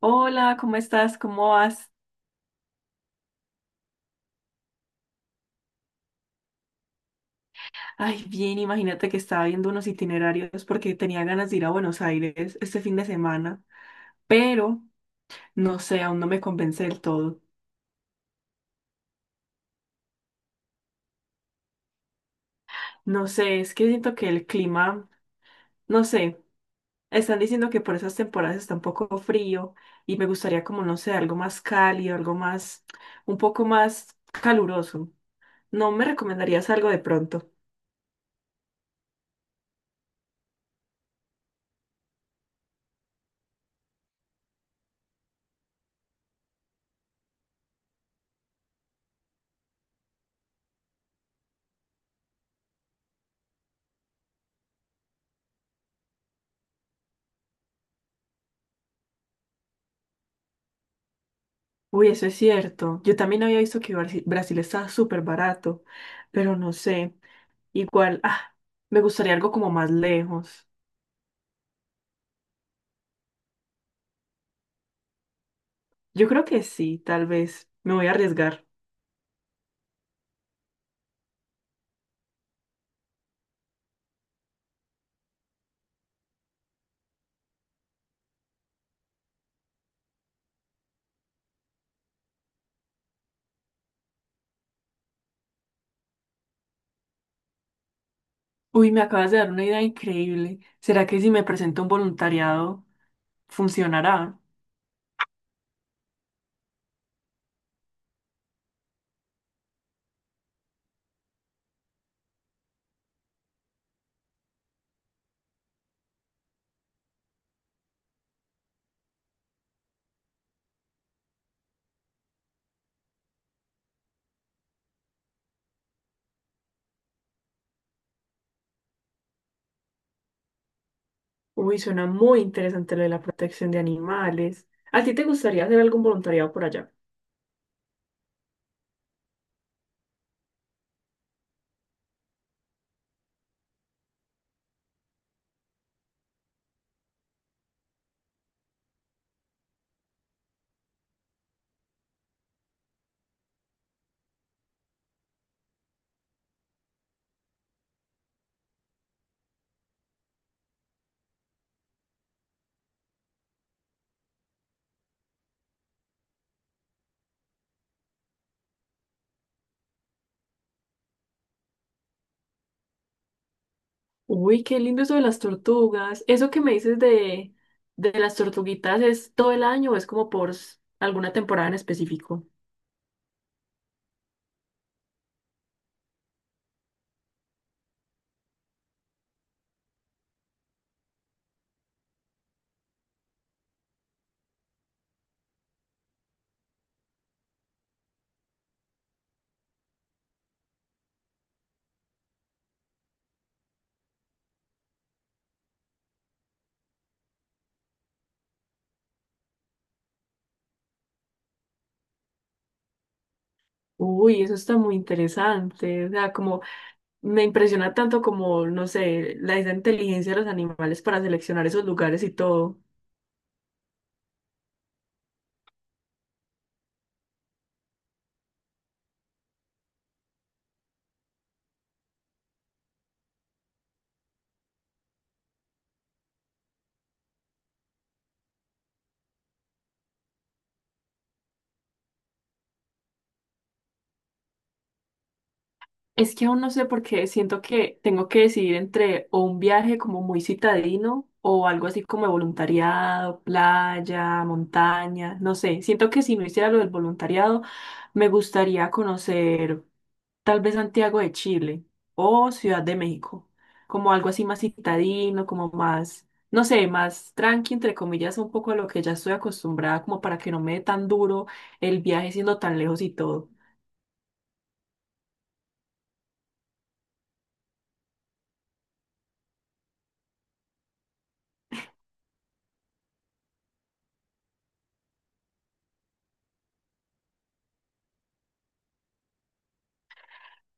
Hola, ¿cómo estás? ¿Cómo vas? Ay, bien, imagínate que estaba viendo unos itinerarios porque tenía ganas de ir a Buenos Aires este fin de semana, pero no sé, aún no me convence del todo. No sé, es que siento que el clima, no sé, están diciendo que por esas temporadas está un poco frío y me gustaría como, no sé, algo más cálido, algo más, un poco más caluroso. ¿No me recomendarías algo de pronto? Uy, eso es cierto. Yo también había visto que Brasil está súper barato, pero no sé. Igual, me gustaría algo como más lejos. Yo creo que sí, tal vez. Me voy a arriesgar. Uy, me acabas de dar una idea increíble. ¿Será que si me presento a un voluntariado, funcionará? Uy, suena muy interesante lo de la protección de animales. ¿A ti te gustaría hacer algún voluntariado por allá? Uy, qué lindo eso de las tortugas. ¿Eso que me dices de las tortuguitas es todo el año o es como por alguna temporada en específico? Uy, eso está muy interesante. O sea, como me impresiona tanto como, no sé, la esa inteligencia de los animales para seleccionar esos lugares y todo. Es que aún no sé por qué siento que tengo que decidir entre o un viaje como muy citadino o algo así como de voluntariado, playa, montaña, no sé. Siento que si no hiciera lo del voluntariado, me gustaría conocer tal vez Santiago de Chile o Ciudad de México, como algo así más citadino, como más, no sé, más tranqui, entre comillas, un poco a lo que ya estoy acostumbrada, como para que no me dé tan duro el viaje siendo tan lejos y todo.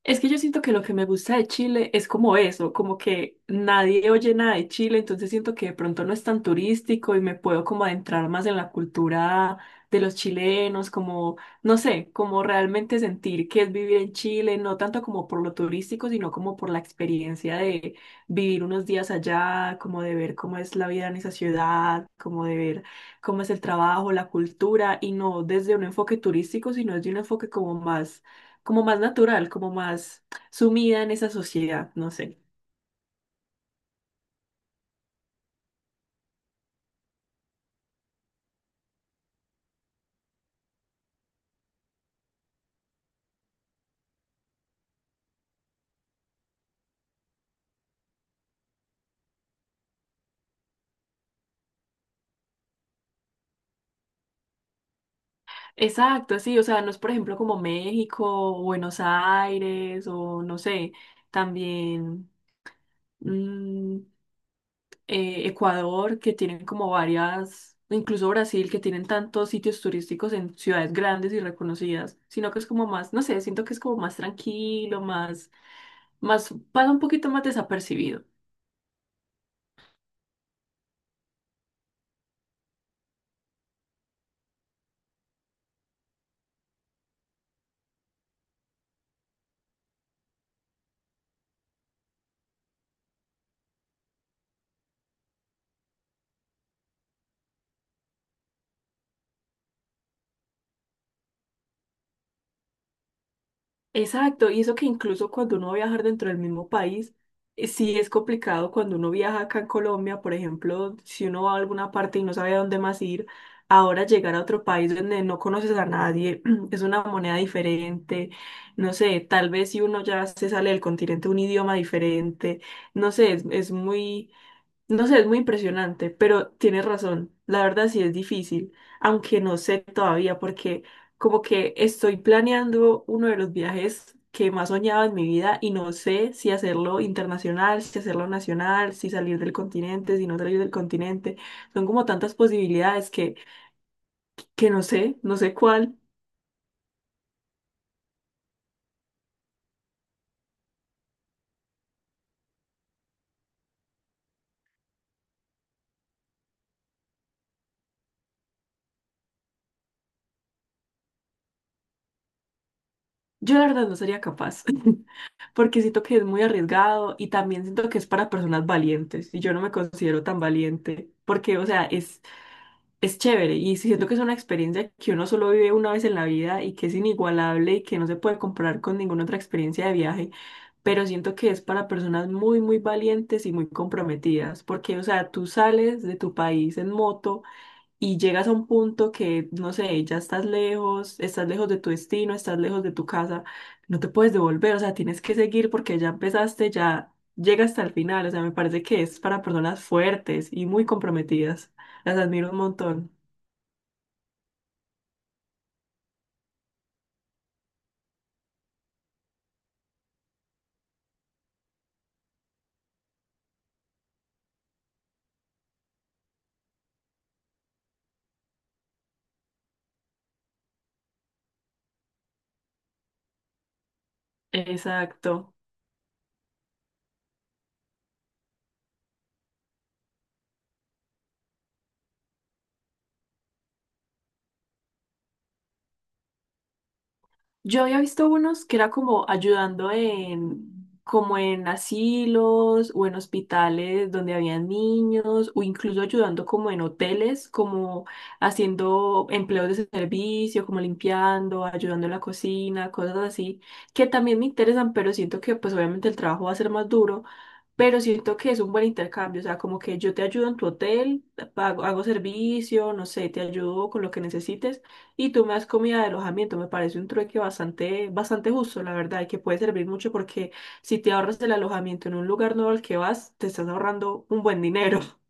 Es que yo siento que lo que me gusta de Chile es como eso, como que nadie oye nada de Chile, entonces siento que de pronto no es tan turístico y me puedo como adentrar más en la cultura de los chilenos, como, no sé, como realmente sentir que es vivir en Chile, no tanto como por lo turístico, sino como por la experiencia de vivir unos días allá, como de ver cómo es la vida en esa ciudad, como de ver cómo es el trabajo, la cultura, y no desde un enfoque turístico, sino desde un enfoque como más natural, como más sumida en esa sociedad, no sé. Exacto, sí, o sea, no es por ejemplo como México, o Buenos Aires, o no sé, también mm, Ecuador, que tienen como varias, incluso Brasil, que tienen tantos sitios turísticos en ciudades grandes y reconocidas, sino que es como más, no sé, siento que es como más tranquilo, pasa un poquito más desapercibido. Exacto, y eso que incluso cuando uno va a viajar dentro del mismo país, sí es complicado cuando uno viaja acá en Colombia, por ejemplo, si uno va a alguna parte y no sabe a dónde más ir, ahora llegar a otro país donde no conoces a nadie, es una moneda diferente, no sé, tal vez si uno ya se sale del continente un idioma diferente, no sé, es muy, no sé, es muy impresionante, pero tienes razón. La verdad sí es difícil, aunque no sé todavía porque como que estoy planeando uno de los viajes que más soñaba en mi vida y no sé si hacerlo internacional, si hacerlo nacional, si salir del continente, si no salir del continente. Son como tantas posibilidades que no sé, no sé cuál. Yo la verdad no sería capaz, porque siento que es muy arriesgado y también siento que es para personas valientes y yo no me considero tan valiente, porque o sea, es chévere y siento que es una experiencia que uno solo vive una vez en la vida y que es inigualable y que no se puede comparar con ninguna otra experiencia de viaje, pero siento que es para personas muy, muy valientes y muy comprometidas, porque, o sea, tú sales de tu país en moto y llegas a un punto que, no sé, ya estás lejos de tu destino, estás lejos de tu casa, no te puedes devolver, o sea, tienes que seguir porque ya empezaste, ya llega hasta el final, o sea, me parece que es para personas fuertes y muy comprometidas. Las admiro un montón. Exacto. Yo había visto unos que era como ayudando en, como en asilos o en hospitales donde había niños, o incluso ayudando como en hoteles, como haciendo empleos de servicio, como limpiando, ayudando en la cocina, cosas así, que también me interesan, pero siento que pues obviamente el trabajo va a ser más duro, pero siento que es un buen intercambio, o sea, como que yo te ayudo en tu hotel, hago servicio, no sé, te ayudo con lo que necesites y tú me das comida de alojamiento, me parece un trueque bastante, bastante justo, la verdad, y que puede servir mucho porque si te ahorras el alojamiento en un lugar nuevo al que vas, te estás ahorrando un buen dinero.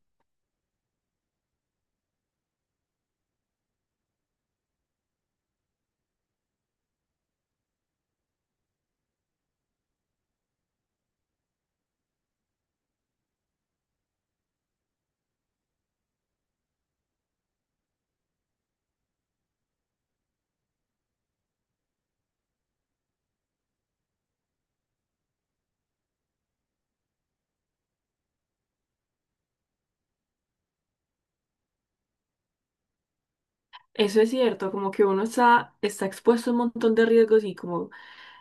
Eso es cierto, como que uno está expuesto a un montón de riesgos y como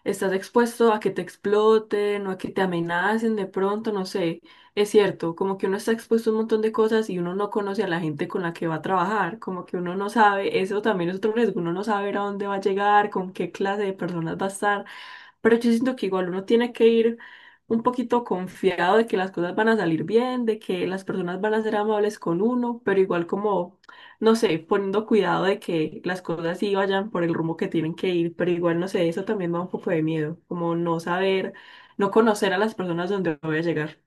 estás expuesto a que te exploten o a que te amenacen de pronto, no sé. Es cierto, como que uno está expuesto a un montón de cosas y uno no conoce a la gente con la que va a trabajar, como que uno no sabe, eso también es otro riesgo, uno no sabe a dónde va a llegar, con qué clase de personas va a estar, pero yo siento que igual uno tiene que ir un poquito confiado de que las cosas van a salir bien, de que las personas van a ser amables con uno, pero igual como no sé, poniendo cuidado de que las cosas sí vayan por el rumbo que tienen que ir, pero igual, no sé, eso también me da un poco de miedo, como no saber, no conocer a las personas donde voy a llegar.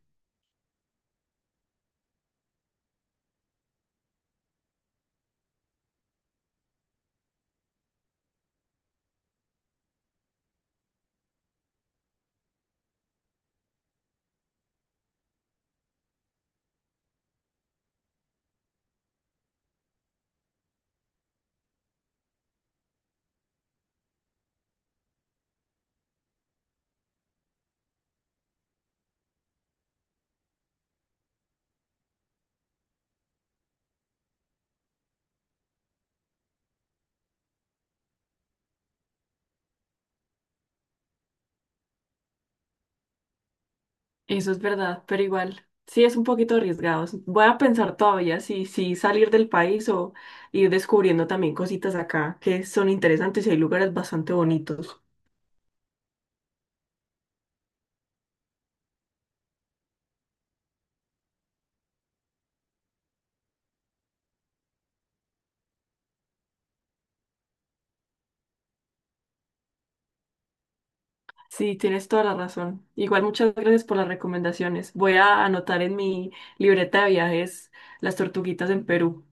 Eso es verdad, pero igual, sí es un poquito arriesgado. Voy a pensar todavía si salir del país o ir descubriendo también cositas acá que son interesantes y hay lugares bastante bonitos. Sí, tienes toda la razón. Igual muchas gracias por las recomendaciones. Voy a anotar en mi libreta de viajes las tortuguitas en Perú.